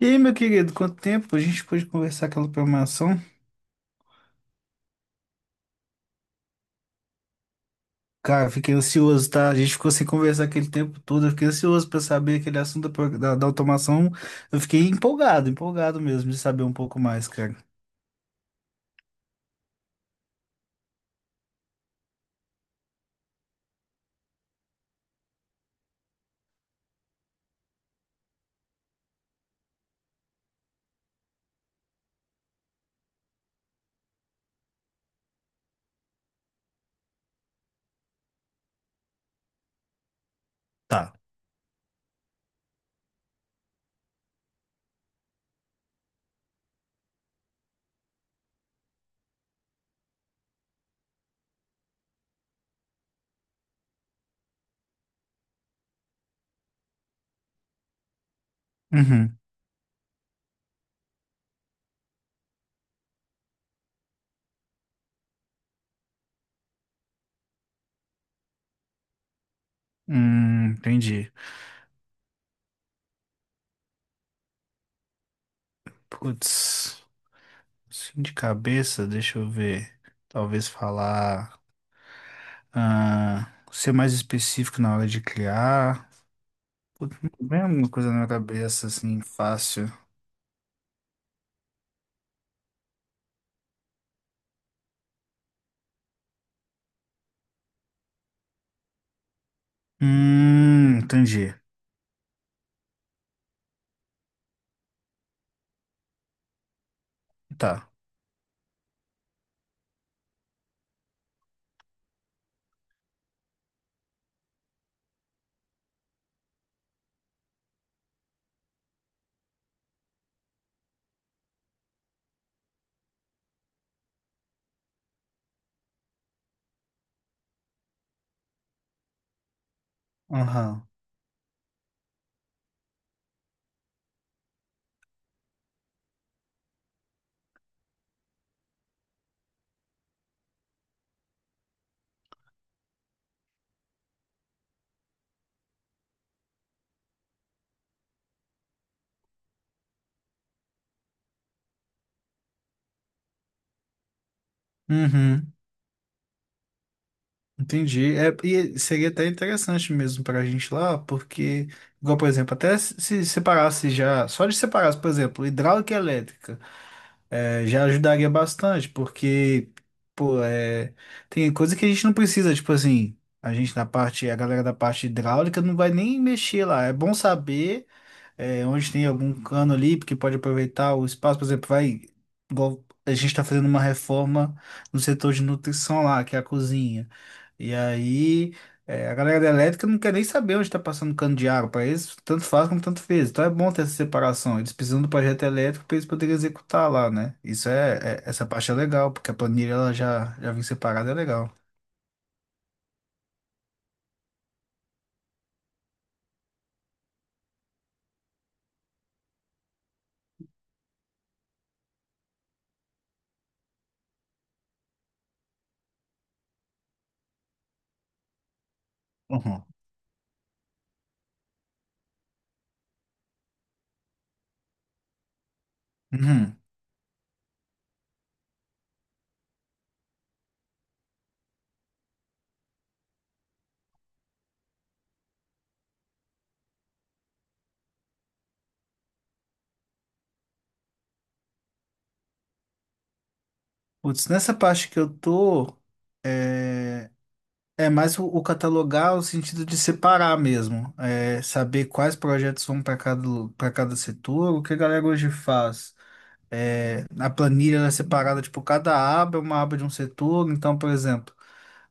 E aí, meu querido, quanto tempo? A gente pôde conversar aquela programação? Cara, fiquei ansioso, tá? A gente ficou sem conversar aquele tempo todo. Eu fiquei ansioso pra saber aquele assunto da automação. Eu fiquei empolgado, empolgado mesmo de saber um pouco mais, cara. Tá. Uhum. Entendi. Putz, assim de cabeça, deixa eu ver. Talvez falar. Ah, ser mais específico na hora de criar. Putz, não vem alguma coisa na minha cabeça assim, fácil. Entendi. Tá. Aham. Uhum. Entendi. É, e seria até interessante mesmo para a gente lá, porque, igual, por exemplo, até se separasse já, só de separasse, por exemplo, hidráulica e elétrica, é, já ajudaria bastante, porque, pô, é, tem coisa que a gente não precisa, tipo assim, a gente na parte, a galera da parte hidráulica não vai nem mexer lá. É bom saber. É, onde tem algum cano ali, porque pode aproveitar o espaço, por exemplo, vai, igual a gente está fazendo uma reforma no setor de nutrição lá, que é a cozinha. E aí, é, a galera da elétrica não quer nem saber onde está passando cano de água, para eles tanto faz como tanto fez. Então é bom ter essa separação. Eles precisam do projeto elétrico para eles poderem executar lá, né? Isso é, essa parte é legal, porque a planilha ela já, já vem separada, é legal. Uhum. Uhum. Putz, nessa parte que eu tô. é, É mais o catalogar, o sentido de separar mesmo, é, saber quais projetos vão para cada setor, o que a galera hoje faz. É, a planilha ela é separada, tipo, cada aba é uma aba de um setor, então, por exemplo.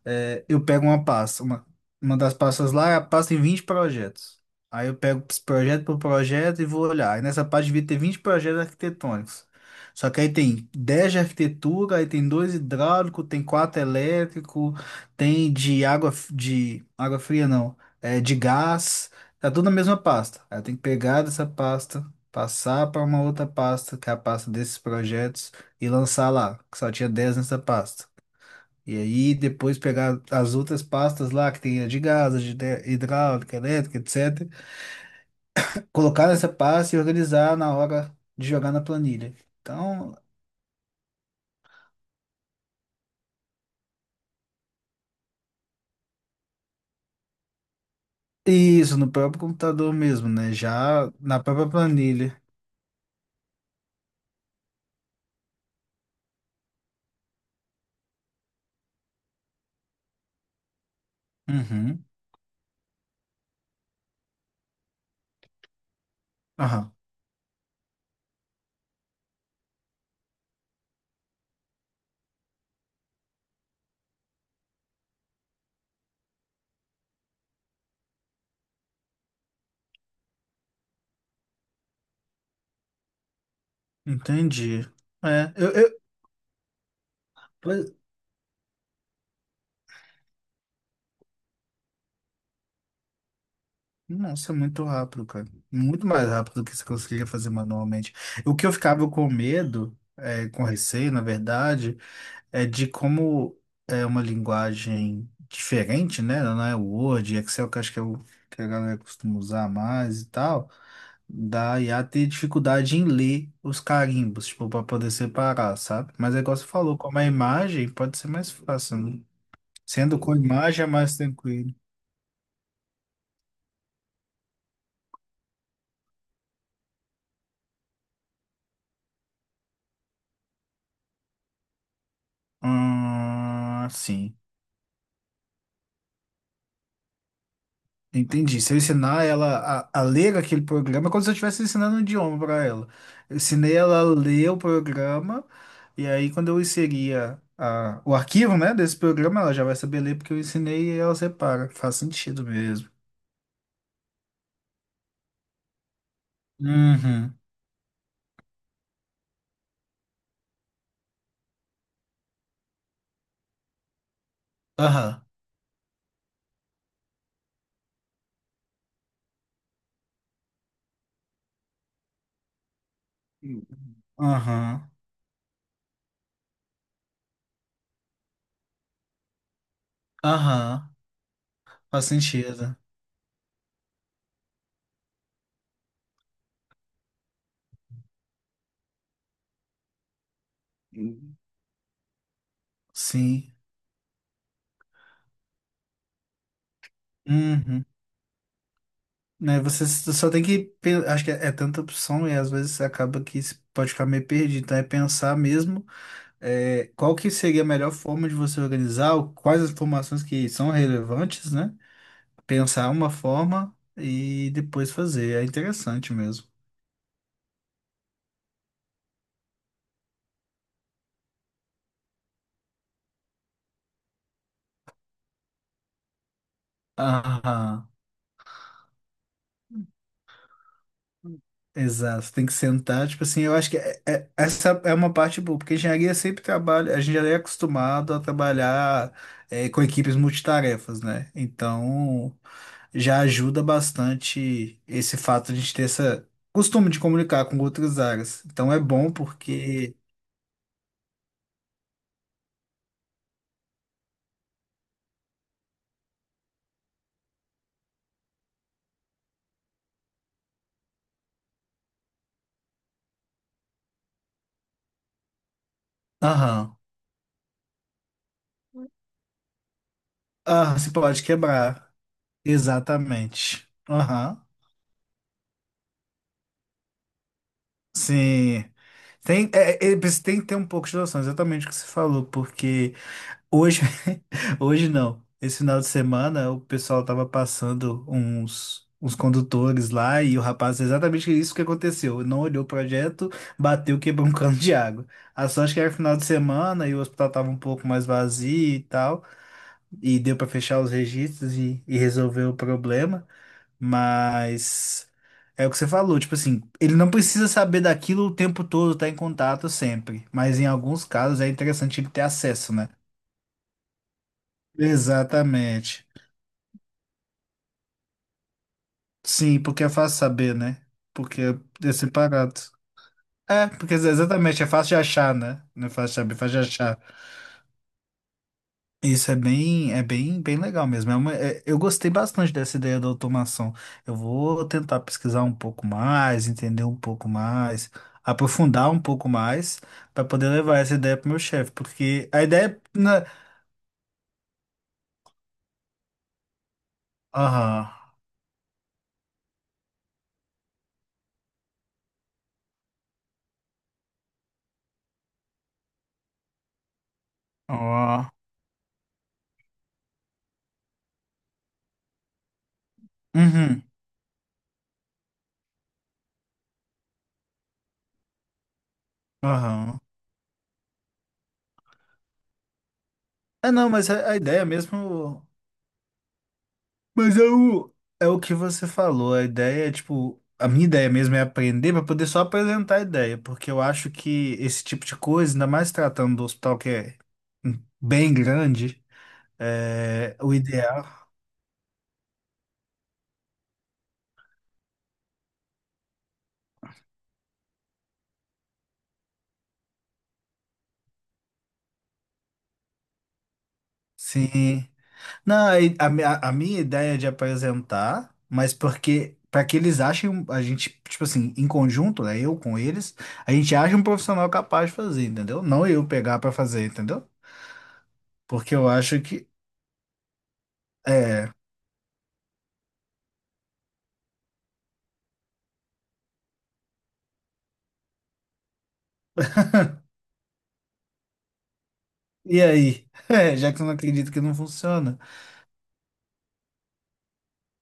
É, eu pego uma pasta, uma das pastas lá, a pasta tem 20 projetos. Aí eu pego esse projeto por projeto e vou olhar. Aí nessa parte devia ter 20 projetos arquitetônicos. Só que aí tem 10 de arquitetura, aí tem 2 hidráulico, tem 4 elétrico, tem de água, de água fria não, é de gás, tá tudo na mesma pasta. Aí eu tenho que pegar dessa pasta, passar para uma outra pasta, que é a pasta desses projetos, e lançar lá, que só tinha 10 nessa pasta. E aí depois pegar as outras pastas lá, que tem a de gás, a de hidráulica, elétrica, etc. Colocar nessa pasta e organizar na hora de jogar na planilha. Então, isso, no próprio computador mesmo, né? Já na própria planilha. Uhum. Aham, entendi. É, eu, eu... pois- Nossa, é muito rápido, cara. Muito mais rápido do que você conseguiria fazer manualmente. O que eu ficava com medo, com receio, na verdade, é de como é uma linguagem diferente, né? Não é o Word, Excel, que acho que é o que a galera costuma usar mais e tal. Da IA ter dificuldade em ler os carimbos, tipo, para poder separar, sabe? Mas é igual você falou, como é imagem, pode ser mais fácil, né? Sendo com imagem é mais tranquilo. Ah, sim. Entendi. Se eu ensinar ela a ler aquele programa, é como se eu estivesse ensinando um idioma para ela. Eu ensinei ela a ler o programa, e aí quando eu inseria o arquivo, né, desse programa, ela já vai saber ler porque eu ensinei e ela separa. Faz sentido mesmo. Uhum. Aham. Uhum. Aham. Aham. Faz sentido. Uhum. Sim. Uhum. Né, você só tem que. Acho que é tanta opção e às vezes você acaba que pode ficar meio perdido. Então é pensar mesmo. Qual que seria a melhor forma de você organizar, quais as informações que são relevantes, né? Pensar uma forma e depois fazer. É interessante mesmo. Ah, exato. Tem que sentar, tipo assim, eu acho que essa é uma parte boa, porque engenharia sempre trabalha, a gente já é acostumado a trabalhar com equipes multitarefas, né? Então, já ajuda bastante esse fato de a gente ter essa costume de comunicar com outras áreas. Então, é bom porque... Aham. Ah, se pode quebrar. Exatamente. Aham. Sim. Tem, você tem que ter um pouco de noção, exatamente o que você falou, porque hoje, hoje não. Esse final de semana o pessoal tava passando uns condutores lá e o rapaz, exatamente isso que aconteceu. Não olhou o projeto, bateu, quebrou um cano de água. A sorte que era final de semana e o hospital tava um pouco mais vazio e tal, e deu para fechar os registros e resolver o problema. Mas é o que você falou, tipo assim, ele não precisa saber daquilo o tempo todo, tá em contato sempre. Mas em alguns casos é interessante ele ter acesso, né? Exatamente. Sim, porque é fácil saber, né? Porque é separado. É, porque exatamente, é fácil de achar, né? Não é fácil de saber, é fácil de achar. Isso é bem legal mesmo. Eu gostei bastante dessa ideia da automação. Eu vou tentar pesquisar um pouco mais, entender um pouco mais, aprofundar um pouco mais para poder levar essa ideia pro meu chefe, porque a ideia na... Aham. Ó. Uhum. Aham. É, não, mas a ideia mesmo. Mas é o que você falou. A ideia é tipo. A minha ideia mesmo é aprender para poder só apresentar a ideia, porque eu acho que esse tipo de coisa, ainda mais tratando do hospital que é bem grande, é, o ideal, sim. Não, a minha ideia é de apresentar, mas porque para que eles achem, a gente, tipo assim, em conjunto, né, eu com eles, a gente acha um profissional capaz de fazer, entendeu? Não eu pegar para fazer, entendeu? Porque eu acho que é. E aí? É, já que eu não acredito que não funciona.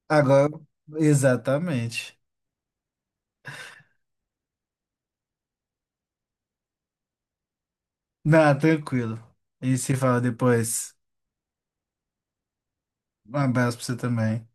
Agora, exatamente. Não, tranquilo. E se fala depois. Um abraço para você também.